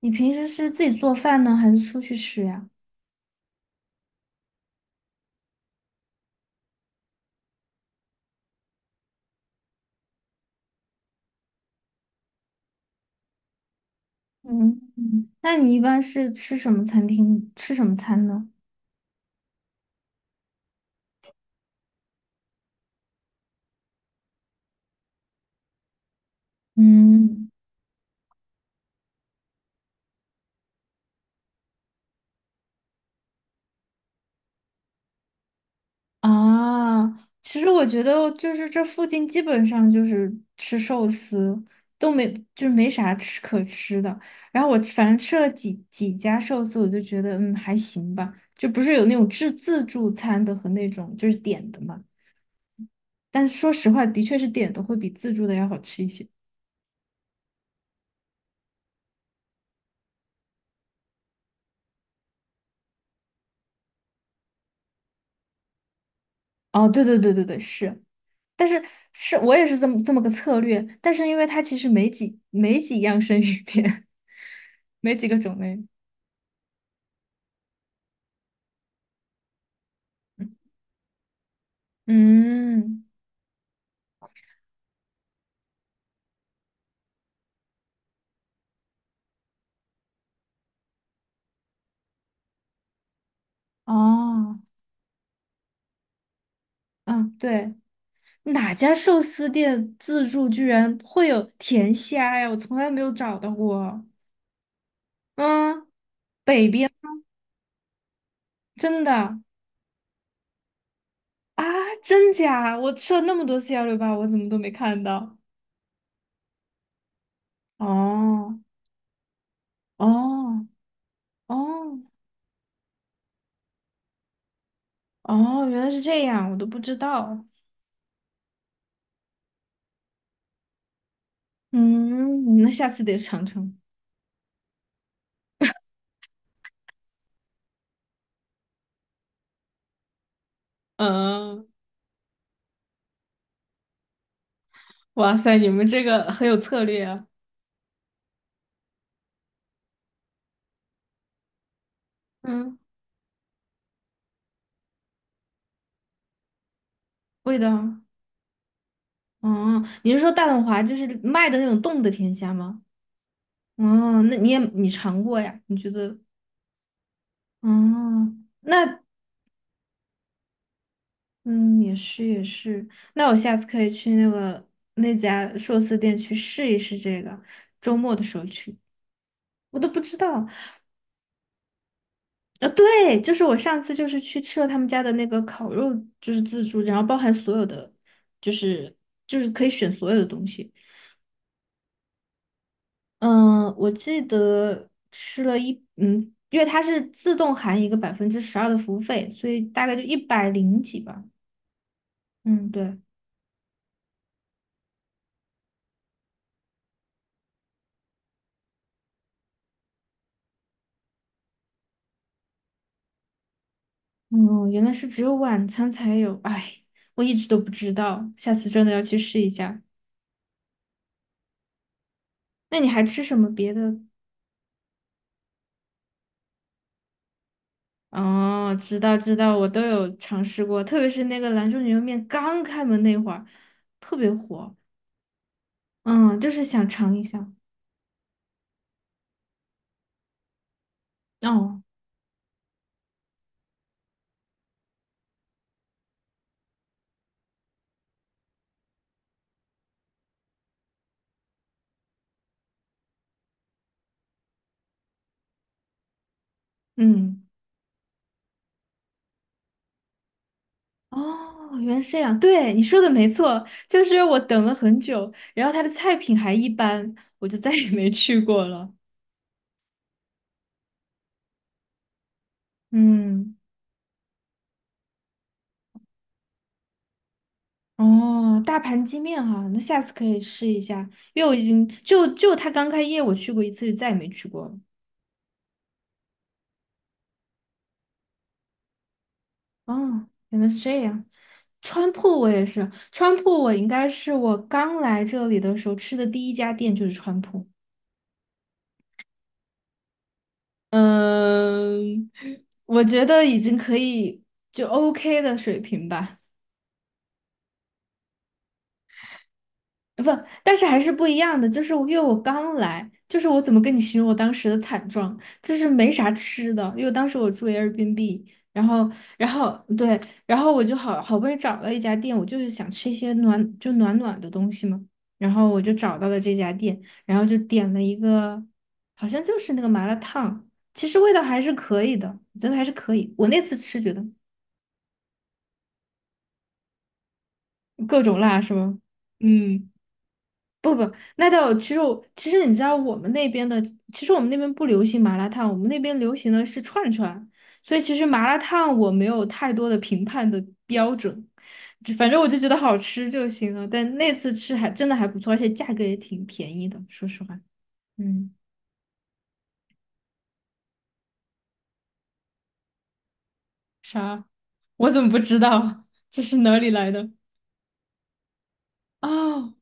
你平时是自己做饭呢，还是出去吃呀？嗯嗯，那你一般是吃什么餐厅，吃什么餐呢？嗯啊，其实我觉得就是这附近基本上就是吃寿司，都没就是没啥吃可吃的。然后我反正吃了几家寿司，我就觉得还行吧，就不是有那种自助餐的和那种就是点的嘛。但是说实话，的确是点的会比自助的要好吃一些。哦，对对对对对，是。但是是我也是这么个策略，但是因为它其实没几样生鱼片，没几个种类。嗯，哦，嗯，对，哪家寿司店自助居然会有甜虾呀？我从来没有找到过。嗯，北边真的啊，真假？我吃了那么多次幺六八，我怎么都没看到？哦哦哦哦，原来是这样，我都不知道。嗯，那下次得尝尝。嗯，哇塞，你们这个很有策略啊。嗯，味道，哦，你是说大董华就是卖的那种冻的甜虾吗？哦，那你尝过呀？你觉得？哦，那嗯，也是也是，那我下次可以去那家寿司店去试一试这个，周末的时候去，我都不知道，啊，对，就是我上次就是去吃了他们家的那个烤肉，就是自助，然后包含所有的，就是就是可以选所有的东西。嗯，我记得吃了因为它是自动含一个百分之十二的服务费，所以大概就一百零几吧。嗯，对，嗯，原来是只有晚餐才有，哎，我一直都不知道，下次真的要去试一下。那你还吃什么别的？哦，知道知道，我都有尝试过，特别是那个兰州牛肉面刚开门那会儿，特别火。嗯，就是想尝一下。哦，嗯，哦，原来是这样。对，你说的没错，就是我等了很久，然后它的菜品还一般，我就再也没去过了。嗯，哦，大盘鸡面哈，那下次可以试一下，因为我已经就它刚开业我去过一次，就再也没去过了。哦，原来是这样。川铺我也是，川铺我应该是我刚来这里的时候吃的第一家店就是川铺。嗯，我觉得已经可以就 OK 的水平吧。不，但是还是不一样的。就是我因为我刚来，就是我怎么跟你形容我当时的惨状，就是没啥吃的，因为当时我住 Airbnb，然后，对，然后我就好不容易找到一家店，我就是想吃一些暖暖的东西嘛，然后我就找到了这家店，然后就点了一个，好像就是那个麻辣烫，其实味道还是可以的，我觉得还是可以。我那次吃觉得各种辣是吗？嗯。不不，那倒其实其实你知道我们那边的，其实我们那边不流行麻辣烫，我们那边流行的是串串，所以其实麻辣烫我没有太多的评判的标准，就反正我就觉得好吃就行了。但那次吃还真的还不错，而且价格也挺便宜的，说实话。嗯，啥？我怎么不知道？这是哪里来的？哦，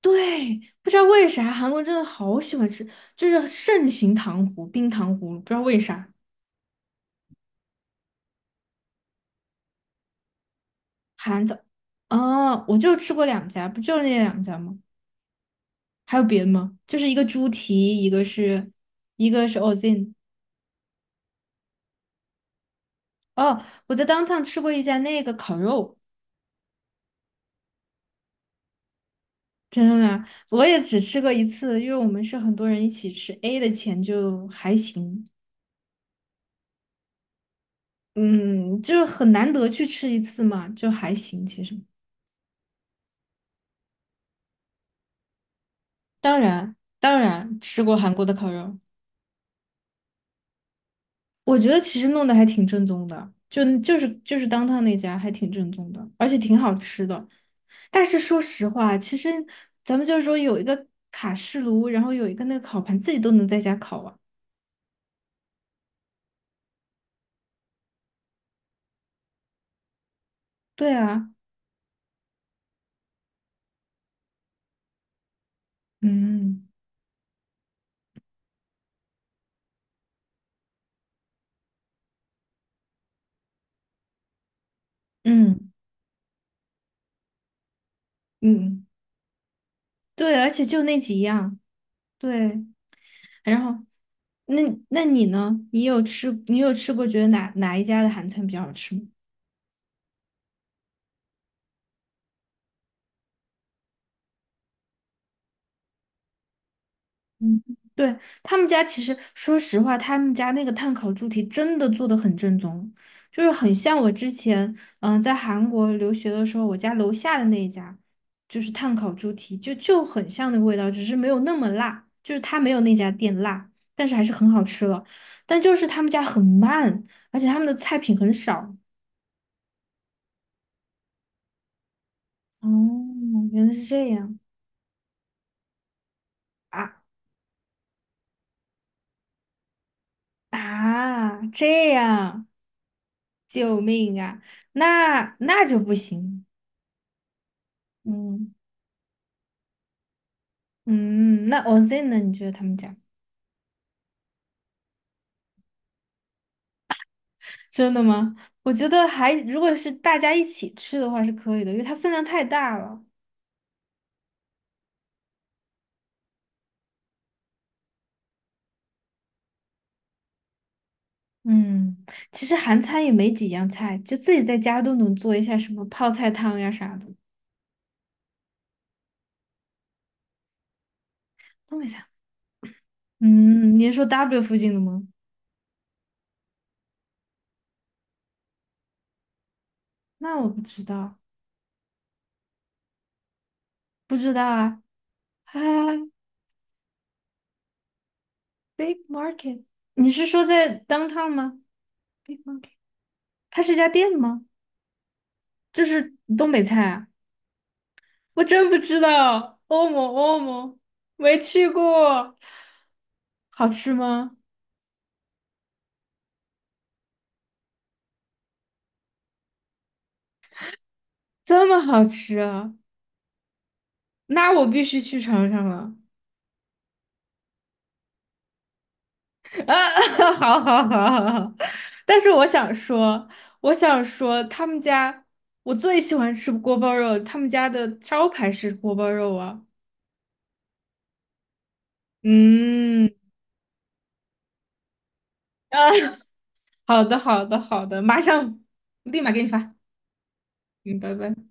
对，不知道为啥韩国真的好喜欢吃，就是盛行冰糖葫芦，不知道为啥。韩早，哦，我就吃过两家，不就那两家吗？还有别的吗？就是一个猪蹄，一个是 Ozin。哦，我在当 o 吃过一家那个烤肉，真的吗？我也只吃过一次，因为我们是很多人一起吃，A 的钱就还行，嗯，就很难得去吃一次嘛，就还行。其实，当然，当然吃过韩国的烤肉。我觉得其实弄得还挺正宗的，就是当趟那家还挺正宗的，而且挺好吃的。但是说实话，其实咱们就是说有一个卡式炉，然后有一个那个烤盘，自己都能在家烤啊。对啊，嗯嗯嗯，对，而且就那几样，对。然后，那那你呢？你有吃过觉得哪一家的韩餐比较好吃吗？嗯，对，他们家其实，说实话，他们家那个碳烤猪蹄真的做的很正宗，就是很像我之前，在韩国留学的时候，我家楼下的那一家，就是碳烤猪蹄，就很像那个味道，只是没有那么辣，就是它没有那家店辣，但是还是很好吃了。但就是他们家很慢，而且他们的菜品很少。哦，原来是这样啊啊，这样，救命啊！那就不行。嗯。嗯，那 OZ n 呢？你觉得他们家真的吗？我觉得还，如果是大家一起吃的话是可以的，因为它分量太大了。嗯，其实韩餐也没几样菜，就自己在家都能做一下什么泡菜汤呀啥的，都没啥。嗯，你是说 W 附近的吗？那我不知道，不知道啊。啊，Big Market，你是说在 downtown 吗？Big Market，它是一家店吗？就是东北菜啊。我真不知道，欧盟欧盟没去过，好吃吗？这么好吃啊？那我必须去尝尝了。啊，好好好好好。但是我想说，他们家我最喜欢吃锅包肉，他们家的招牌是锅包肉啊。嗯，啊，好的好的好的，立马给你发。嗯，拜拜。